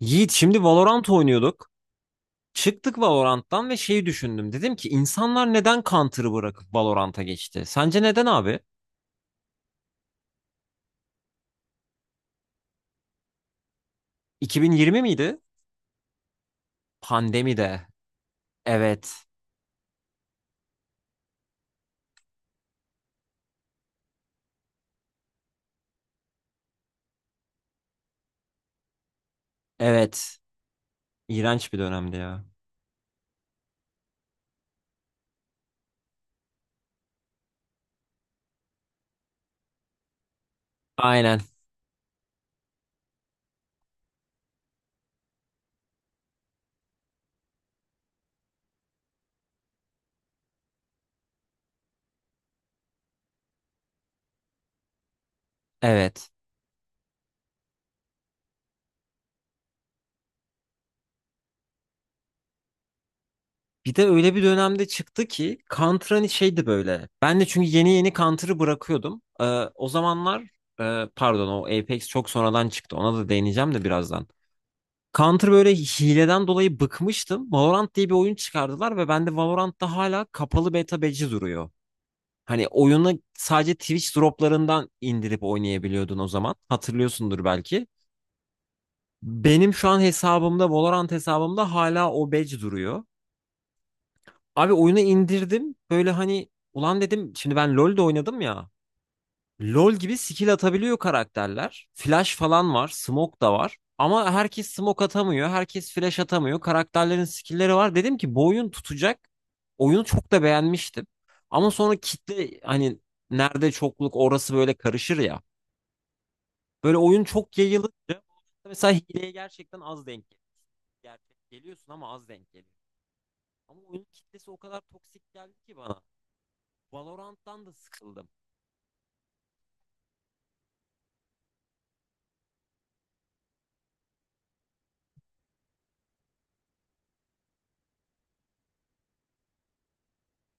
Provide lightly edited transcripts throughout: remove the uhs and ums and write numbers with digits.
Yiğit şimdi Valorant oynuyorduk. Çıktık Valorant'tan ve şeyi düşündüm. Dedim ki insanlar neden Counter'ı bırakıp Valorant'a geçti? Sence neden abi? 2020 miydi? Pandemide. Evet. Evet. İğrenç bir dönemdi ya. Aynen. Evet. Bir de öyle bir dönemde çıktı ki Counter hani şeydi böyle. Ben de çünkü yeni yeni Counter'ı bırakıyordum. O zamanlar pardon o Apex çok sonradan çıktı. Ona da değineceğim de birazdan. Counter böyle hileden dolayı bıkmıştım. Valorant diye bir oyun çıkardılar ve bende Valorant'ta hala kapalı beta badge'i duruyor. Hani oyunu sadece Twitch droplarından indirip oynayabiliyordun o zaman. Hatırlıyorsundur belki. Benim şu an hesabımda, Valorant hesabımda hala o badge duruyor. Abi oyunu indirdim. Böyle hani ulan dedim şimdi ben LoL'de oynadım ya. LoL gibi skill atabiliyor karakterler. Flash falan var, smoke da var. Ama herkes smoke atamıyor, herkes flash atamıyor. Karakterlerin skill'leri var. Dedim ki bu oyun tutacak. Oyunu çok da beğenmiştim. Ama sonra kitle hani nerede çokluk orası böyle karışır ya. Böyle oyun çok yayılınca mesela hileye gerçekten az denk geliyor. Gerçek geliyorsun ama az denk geliyor. Ama oyunun kitlesi o kadar toksik geldi ki bana. Valorant'tan da sıkıldım.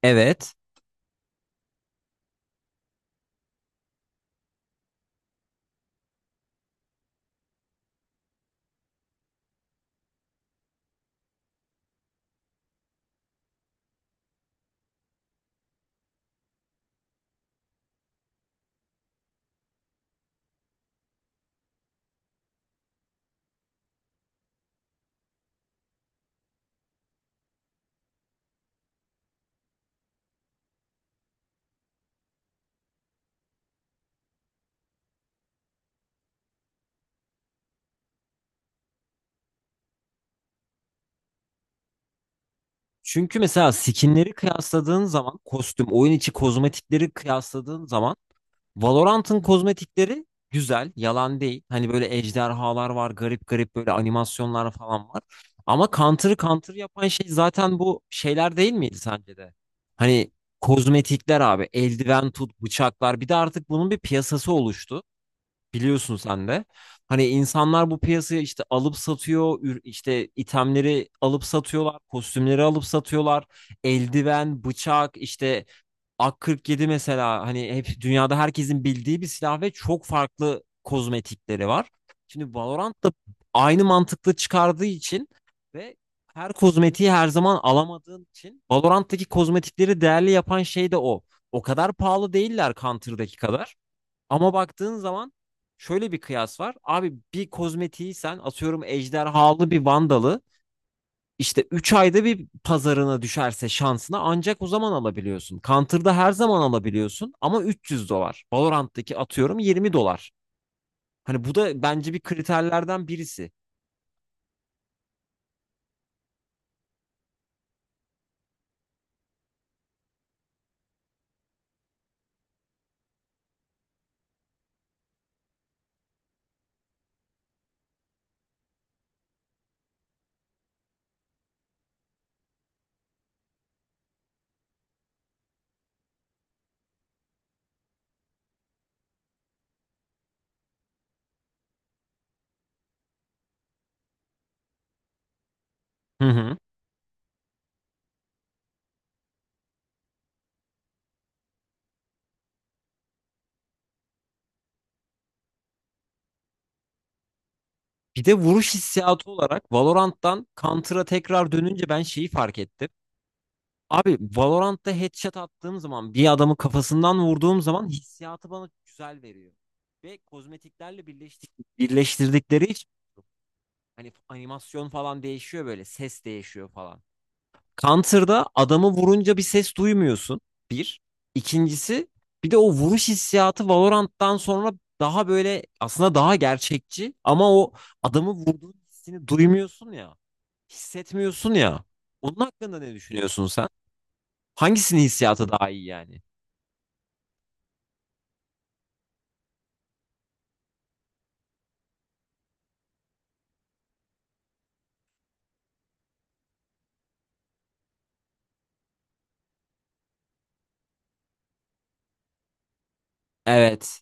Evet. Çünkü mesela skinleri kıyasladığın zaman kostüm, oyun içi kozmetikleri kıyasladığın zaman Valorant'ın kozmetikleri güzel, yalan değil. Hani böyle ejderhalar var, garip garip böyle animasyonlar falan var. Ama Counter'ı Counter yapan şey zaten bu şeyler değil miydi sence de? Hani kozmetikler abi, eldiven tut, bıçaklar. Bir de artık bunun bir piyasası oluştu. Biliyorsun sen de. Hani insanlar bu piyasaya işte alıp satıyor, işte itemleri alıp satıyorlar, kostümleri alıp satıyorlar. Eldiven, bıçak, işte AK-47 mesela hani hep dünyada herkesin bildiği bir silah ve çok farklı kozmetikleri var. Şimdi Valorant da aynı mantıklı çıkardığı için ve her kozmetiği her zaman alamadığın için Valorant'taki kozmetikleri değerli yapan şey de o. O kadar pahalı değiller Counter'daki kadar. Ama baktığın zaman şöyle bir kıyas var. Abi bir kozmetiği sen atıyorum ejderhalı bir vandalı işte 3 ayda bir pazarına düşerse şansına ancak o zaman alabiliyorsun. Counter'da her zaman alabiliyorsun ama 300 dolar. Valorant'taki atıyorum 20 dolar. Hani bu da bence bir kriterlerden birisi. Hı hı. Bir de vuruş hissiyatı olarak Valorant'tan Counter'a tekrar dönünce ben şeyi fark ettim. Abi Valorant'ta headshot attığım zaman bir adamı kafasından vurduğum zaman hissiyatı bana güzel veriyor. Ve birleştirdikleri için hani animasyon falan değişiyor böyle ses değişiyor falan. Counter'da adamı vurunca bir ses duymuyorsun. Bir. İkincisi bir de o vuruş hissiyatı Valorant'tan sonra daha böyle aslında daha gerçekçi ama o adamı vurduğun hissini duymuyorsun ya. Hissetmiyorsun ya. Onun hakkında ne düşünüyorsun sen? Hangisinin hissiyatı daha iyi yani? Evet.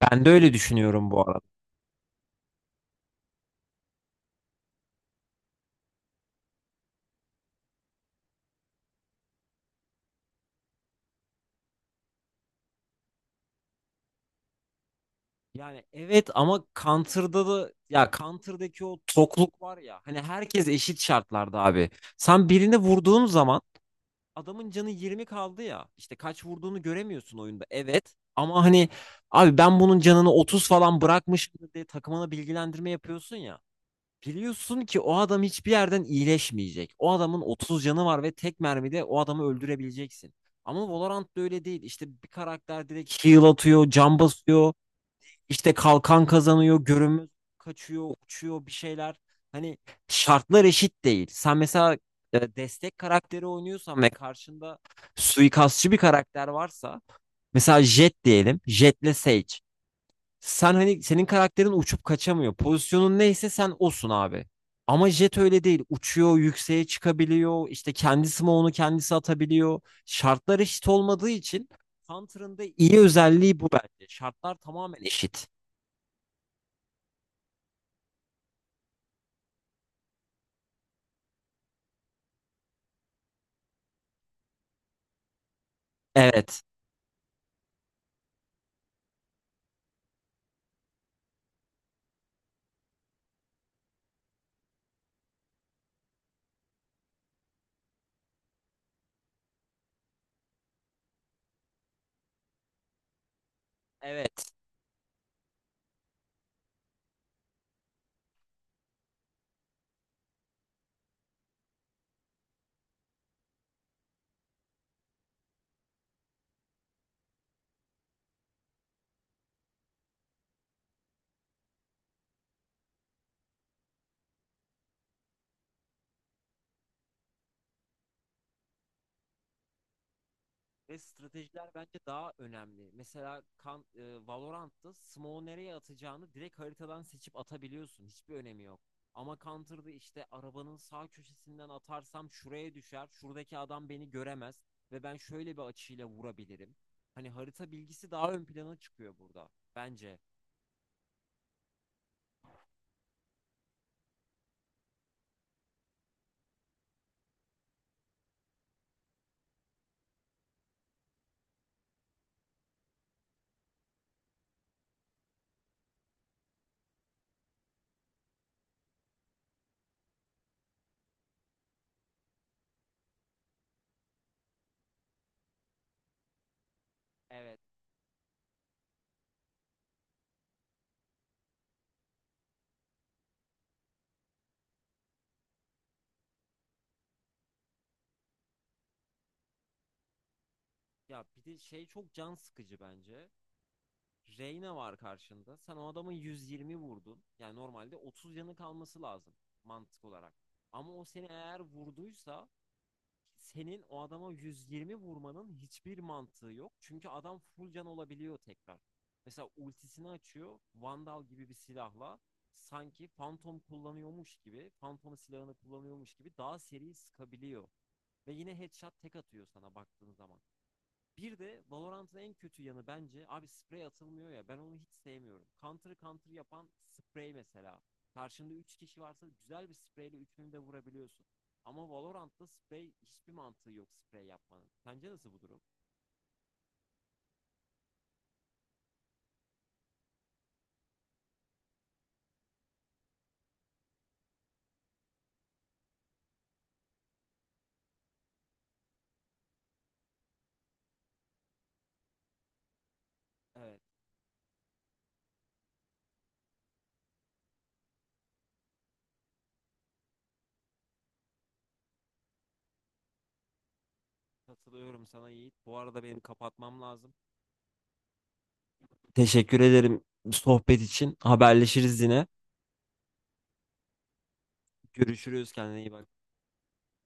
Ben de öyle düşünüyorum bu arada. Yani evet ama Counter'da da ya Counter'daki o tokluk var ya hani herkes eşit şartlarda abi. Sen birini vurduğun zaman adamın canı 20 kaldı ya. İşte kaç vurduğunu göremiyorsun oyunda. Evet ama hani abi ben bunun canını 30 falan bırakmışım diye takımına bilgilendirme yapıyorsun ya. Biliyorsun ki o adam hiçbir yerden iyileşmeyecek. O adamın 30 canı var ve tek mermide o adamı öldürebileceksin. Ama Valorant'ta öyle değil. İşte bir karakter direkt heal atıyor, can basıyor, işte kalkan kazanıyor, görünmez kaçıyor, uçuyor bir şeyler. Hani şartlar eşit değil. Sen mesela destek karakteri oynuyorsan ve karşında suikastçı bir karakter varsa mesela Jett diyelim. Jett'le Sage. Sen hani senin karakterin uçup kaçamıyor. Pozisyonun neyse sen osun abi. Ama Jet öyle değil. Uçuyor, yükseğe çıkabiliyor. İşte kendi smoke'unu kendisi atabiliyor. Şartlar eşit olmadığı için Counter'ın da iyi özelliği bu bence. Şartlar tamamen eşit. Evet. Evet. Ve stratejiler bence daha önemli. Mesela Valorant'ta smoke'u nereye atacağını direkt haritadan seçip atabiliyorsun. Hiçbir önemi yok. Ama Counter'da işte arabanın sağ köşesinden atarsam şuraya düşer. Şuradaki adam beni göremez ve ben şöyle bir açıyla vurabilirim. Hani harita bilgisi daha ön plana çıkıyor burada bence. Evet. Ya bir de şey çok can sıkıcı bence. Reyna var karşında. Sen o adamın 120 vurdun. Yani normalde 30 yanı kalması lazım mantık olarak. Ama o seni eğer vurduysa senin o adama 120 vurmanın hiçbir mantığı yok. Çünkü adam full can olabiliyor tekrar. Mesela ultisini açıyor. Vandal gibi bir silahla sanki Phantom kullanıyormuş gibi, Phantom silahını kullanıyormuş gibi daha seri sıkabiliyor. Ve yine headshot tek atıyor sana baktığın zaman. Bir de Valorant'ın en kötü yanı bence abi sprey atılmıyor ya ben onu hiç sevmiyorum. Counter counter yapan sprey mesela. Karşında 3 kişi varsa güzel bir spreyle üçünü de vurabiliyorsun. Ama Valorant'ta sprey hiçbir mantığı yok sprey yapmanın. Sence nasıl bu durum? Evet, katılıyorum sana Yiğit. Bu arada benim kapatmam lazım. Teşekkür ederim sohbet için. Haberleşiriz yine. Görüşürüz, kendine iyi bak.